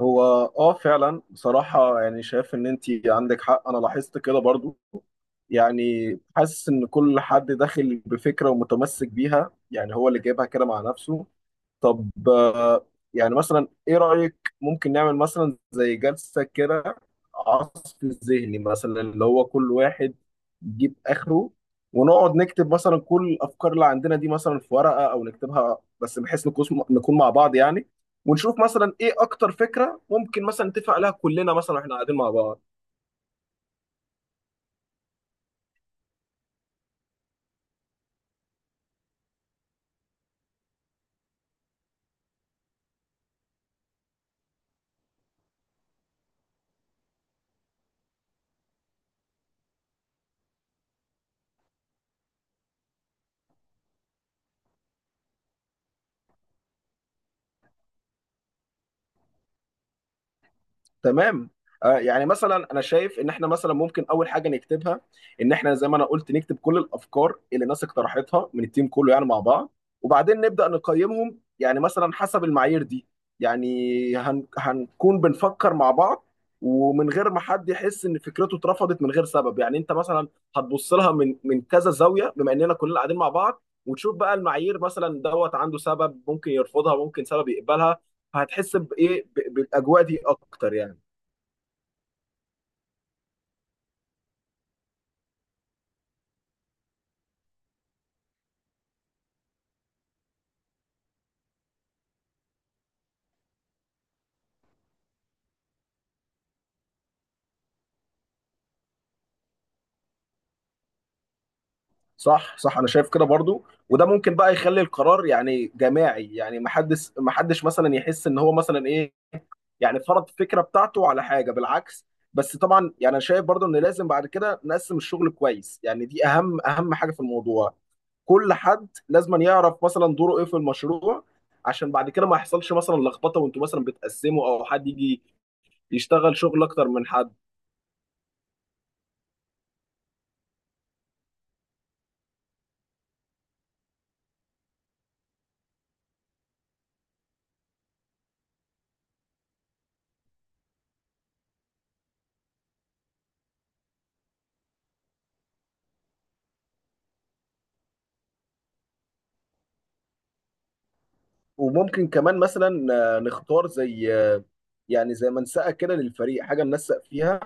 هو اه فعلا بصراحة، يعني شايف ان انت عندك حق، انا لاحظت كده برضو. يعني حاسس ان كل حد داخل بفكرة ومتمسك بيها، يعني هو اللي جايبها كده مع نفسه. طب يعني مثلا ايه رأيك؟ ممكن نعمل مثلا زي جلسة كده عصف ذهني، مثلا اللي هو كل واحد يجيب اخره، ونقعد نكتب مثلا كل الافكار اللي عندنا دي مثلا في ورقة او نكتبها، بس بحيث نكون مع بعض يعني. ونشوف مثلا ايه اكتر فكرة ممكن مثلا نتفق عليها كلنا مثلا واحنا قاعدين مع بعض. تمام. يعني مثلا انا شايف ان احنا مثلا ممكن اول حاجه نكتبها ان احنا زي ما انا قلت نكتب كل الافكار اللي الناس اقترحتها من التيم كله يعني مع بعض، وبعدين نبدا نقيمهم يعني مثلا حسب المعايير دي. يعني هنكون بنفكر مع بعض، ومن غير ما حد يحس ان فكرته اترفضت من غير سبب. يعني انت مثلا هتبص لها من كذا زاويه بما اننا كلنا قاعدين مع بعض، وتشوف بقى المعايير مثلا دوت، عنده سبب ممكن يرفضها، ممكن سبب يقبلها، فهتحس بايه بالاجواء دي اكتر يعني. صح، انا شايف كده برضو. وده ممكن بقى يخلي القرار يعني جماعي، يعني ما حدش مثلا يحس ان هو مثلا ايه، يعني فرض فكره بتاعته على حاجه، بالعكس. بس طبعا يعني انا شايف برضو ان لازم بعد كده نقسم الشغل كويس، يعني دي اهم حاجه في الموضوع. كل حد لازم يعرف مثلا دوره ايه في المشروع، عشان بعد كده ما يحصلش مثلا لخبطه وانتوا مثلا بتقسموا، او حد يجي يشتغل شغل اكتر من حد. وممكن كمان مثلا نختار زي يعني زي منسأة كده للفريق، حاجة ننسق فيها،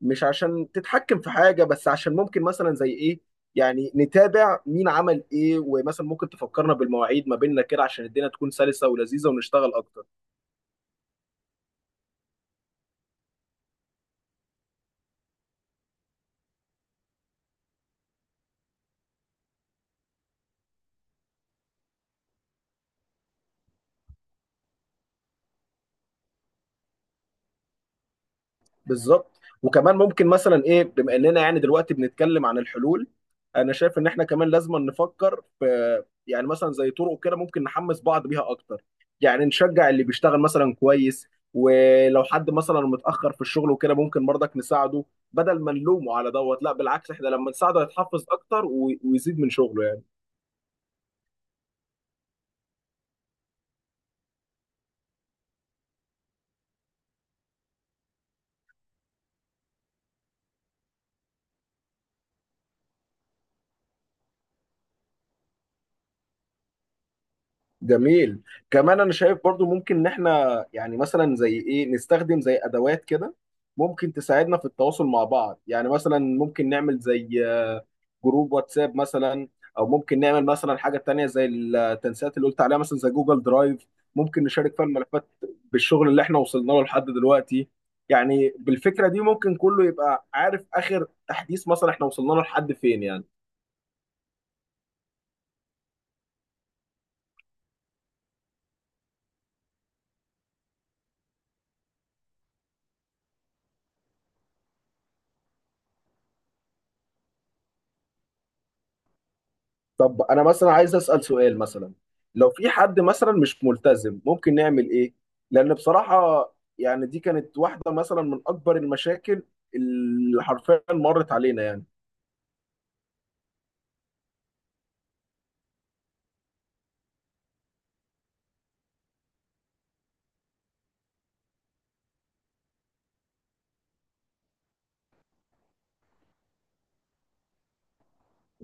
مش عشان تتحكم في حاجة، بس عشان ممكن مثلا زي ايه، يعني نتابع مين عمل ايه، ومثلا ممكن تفكرنا بالمواعيد ما بيننا كده عشان الدنيا تكون سلسة ولذيذة ونشتغل اكتر. بالظبط. وكمان ممكن مثلا ايه، بما اننا يعني دلوقتي بنتكلم عن الحلول، انا شايف ان احنا كمان لازم نفكر في يعني مثلا زي طرق كده ممكن نحمس بعض بيها اكتر، يعني نشجع اللي بيشتغل مثلا كويس. ولو حد مثلا متاخر في الشغل وكده ممكن برضك نساعده، بدل ما نلومه على دوت، لا بالعكس، احنا لما نساعده يتحفز اكتر ويزيد من شغله. جميل. كمان انا شايف برضو ممكن ان احنا يعني مثلا زي ايه نستخدم زي ادوات كده ممكن تساعدنا في التواصل مع بعض. يعني مثلا ممكن نعمل زي جروب واتساب مثلا، او ممكن نعمل مثلا حاجة تانية زي التنسيقات اللي قلت عليها مثلا زي جوجل درايف، ممكن نشارك فيها الملفات بالشغل اللي احنا وصلنا له لحد دلوقتي. يعني بالفكرة دي ممكن كله يبقى عارف اخر تحديث مثلا احنا وصلنا له لحد فين يعني. طب انا مثلا عايز اسال سؤال مثلا، لو في حد مثلا مش ملتزم ممكن نعمل ايه؟ لان بصراحه يعني دي كانت واحده مثلا من اكبر المشاكل اللي حرفيا مرت علينا يعني.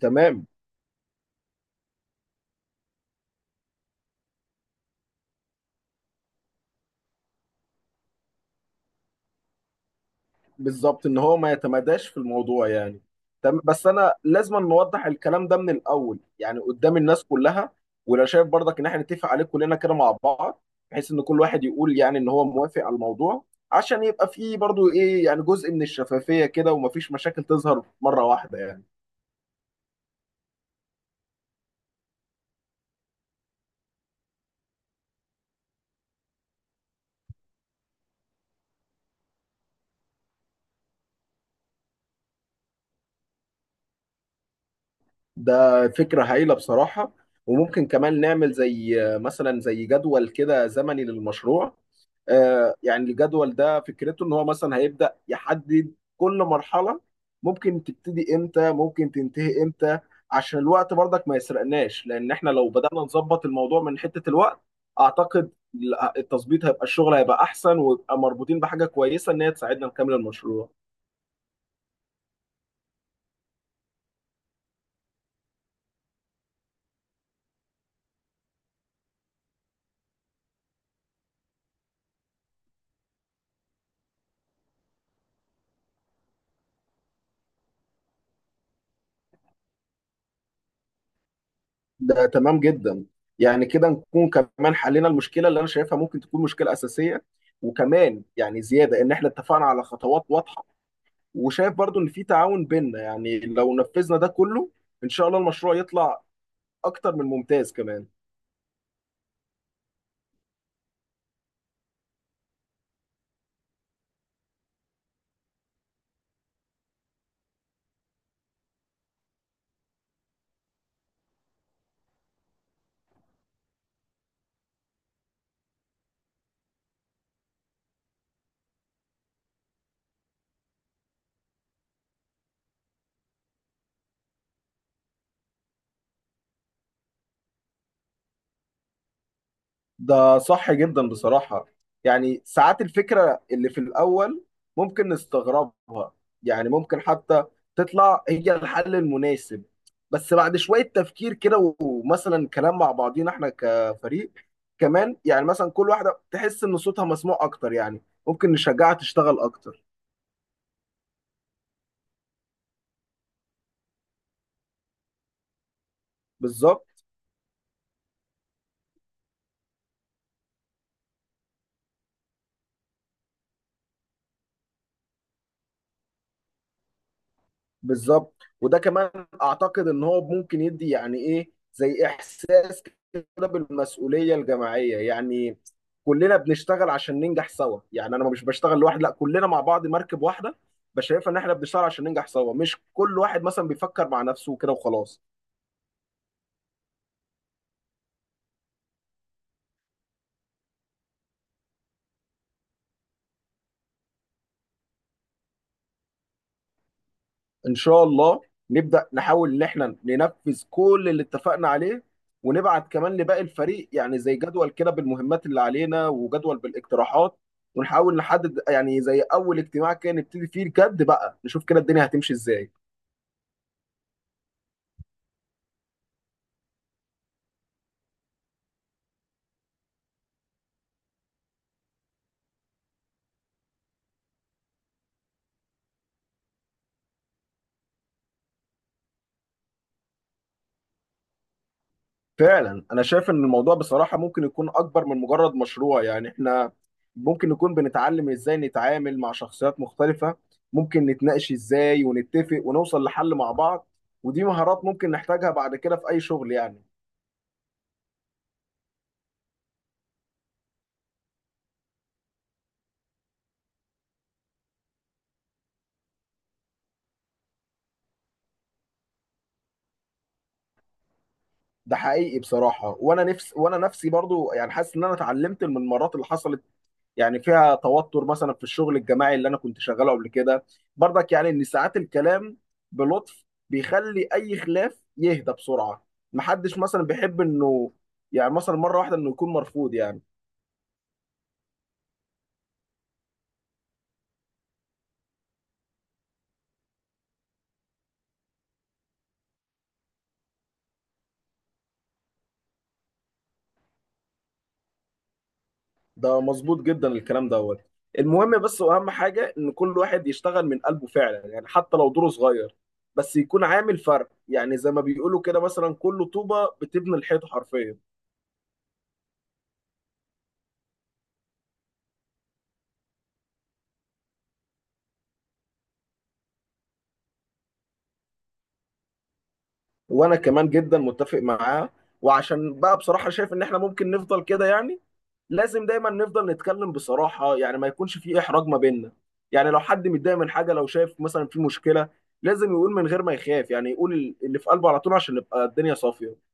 تمام. بالظبط، ان هو ما يتمداش في الموضوع يعني. تمام، بس انا لازم نوضح الكلام ده من الاول يعني قدام الناس كلها، ولو شايف برضك ان احنا نتفق عليه كلنا كده مع بعض، بحيث ان كل واحد يقول يعني ان هو موافق على الموضوع، عشان يبقى فيه برضو ايه يعني جزء من الشفافية كده، ومفيش مشاكل تظهر مرة واحدة يعني. ده فكرة هايلة بصراحة. وممكن كمان نعمل زي مثلا زي جدول كده زمني للمشروع. يعني الجدول ده فكرته ان هو مثلا هيبدأ يحدد كل مرحلة، ممكن تبتدي امتى ممكن تنتهي امتى، عشان الوقت برضك ما يسرقناش. لان احنا لو بدأنا نظبط الموضوع من حتة الوقت، اعتقد التظبيط هيبقى، الشغل هيبقى احسن، ويبقى مربوطين بحاجة كويسة ان هي تساعدنا نكمل المشروع. ده تمام جدا. يعني كده نكون كمان حلينا المشكله اللي انا شايفها ممكن تكون مشكله اساسيه. وكمان يعني زياده ان احنا اتفقنا على خطوات واضحه، وشايف برضو ان في تعاون بيننا يعني. لو نفذنا ده كله، ان شاء الله المشروع يطلع اكتر من ممتاز كمان. ده صح جدا بصراحة. يعني ساعات الفكرة اللي في الأول ممكن نستغربها، يعني ممكن حتى تطلع هي الحل المناسب بس بعد شوية تفكير كده ومثلا كلام مع بعضينا احنا كفريق. كمان يعني مثلا كل واحدة تحس إن صوتها مسموع أكتر، يعني ممكن نشجعها تشتغل أكتر. بالظبط بالظبط. وده كمان اعتقد ان هو ممكن يدي يعني ايه زي احساس كده بالمسؤوليه الجماعيه يعني، كلنا بنشتغل عشان ننجح سوا، يعني انا مش بشتغل لوحدي، لا كلنا مع بعض مركب واحده. بشايف ان احنا بنشتغل عشان ننجح سوا، مش كل واحد مثلا بيفكر مع نفسه كده وخلاص. ان شاء الله. نبدا نحاول ان احنا ننفذ كل اللي اتفقنا عليه، ونبعت كمان لباقي الفريق يعني زي جدول كده بالمهمات اللي علينا وجدول بالاقتراحات. ونحاول نحدد يعني زي اول اجتماع كده نبتدي فيه الجد بقى، نشوف كده الدنيا هتمشي ازاي. فعلا انا شايف ان الموضوع بصراحة ممكن يكون اكبر من مجرد مشروع. يعني احنا ممكن نكون بنتعلم ازاي نتعامل مع شخصيات مختلفة، ممكن نتناقش ازاي ونتفق ونوصل لحل مع بعض، ودي مهارات ممكن نحتاجها بعد كده في اي شغل يعني. ده حقيقي بصراحة. وانا نفسي برضو يعني حاسس ان انا اتعلمت من المرات اللي حصلت يعني فيها توتر مثلا في الشغل الجماعي اللي انا كنت شغاله قبل كده، برضك يعني ان ساعات الكلام بلطف بيخلي اي خلاف يهدى بسرعة. محدش مثلا بيحب انه يعني مثلا مرة واحدة انه يكون مرفوض يعني. ده مظبوط جدا الكلام دوت. المهم بس واهم حاجه ان كل واحد يشتغل من قلبه فعلا، يعني حتى لو دوره صغير بس يكون عامل فرق، يعني زي ما بيقولوا كده مثلا كل طوبه بتبني الحيطه حرفيا. وانا كمان جدا متفق معاه. وعشان بقى بصراحه شايف ان احنا ممكن نفضل كده يعني، لازم دايما نفضل نتكلم بصراحه يعني، ما يكونش في احراج ما بيننا. يعني لو حد متضايق من حاجه، لو شايف مثلا في مشكله، لازم يقول من غير ما يخاف، يعني يقول اللي في قلبه على طول عشان نبقى الدنيا صافيه.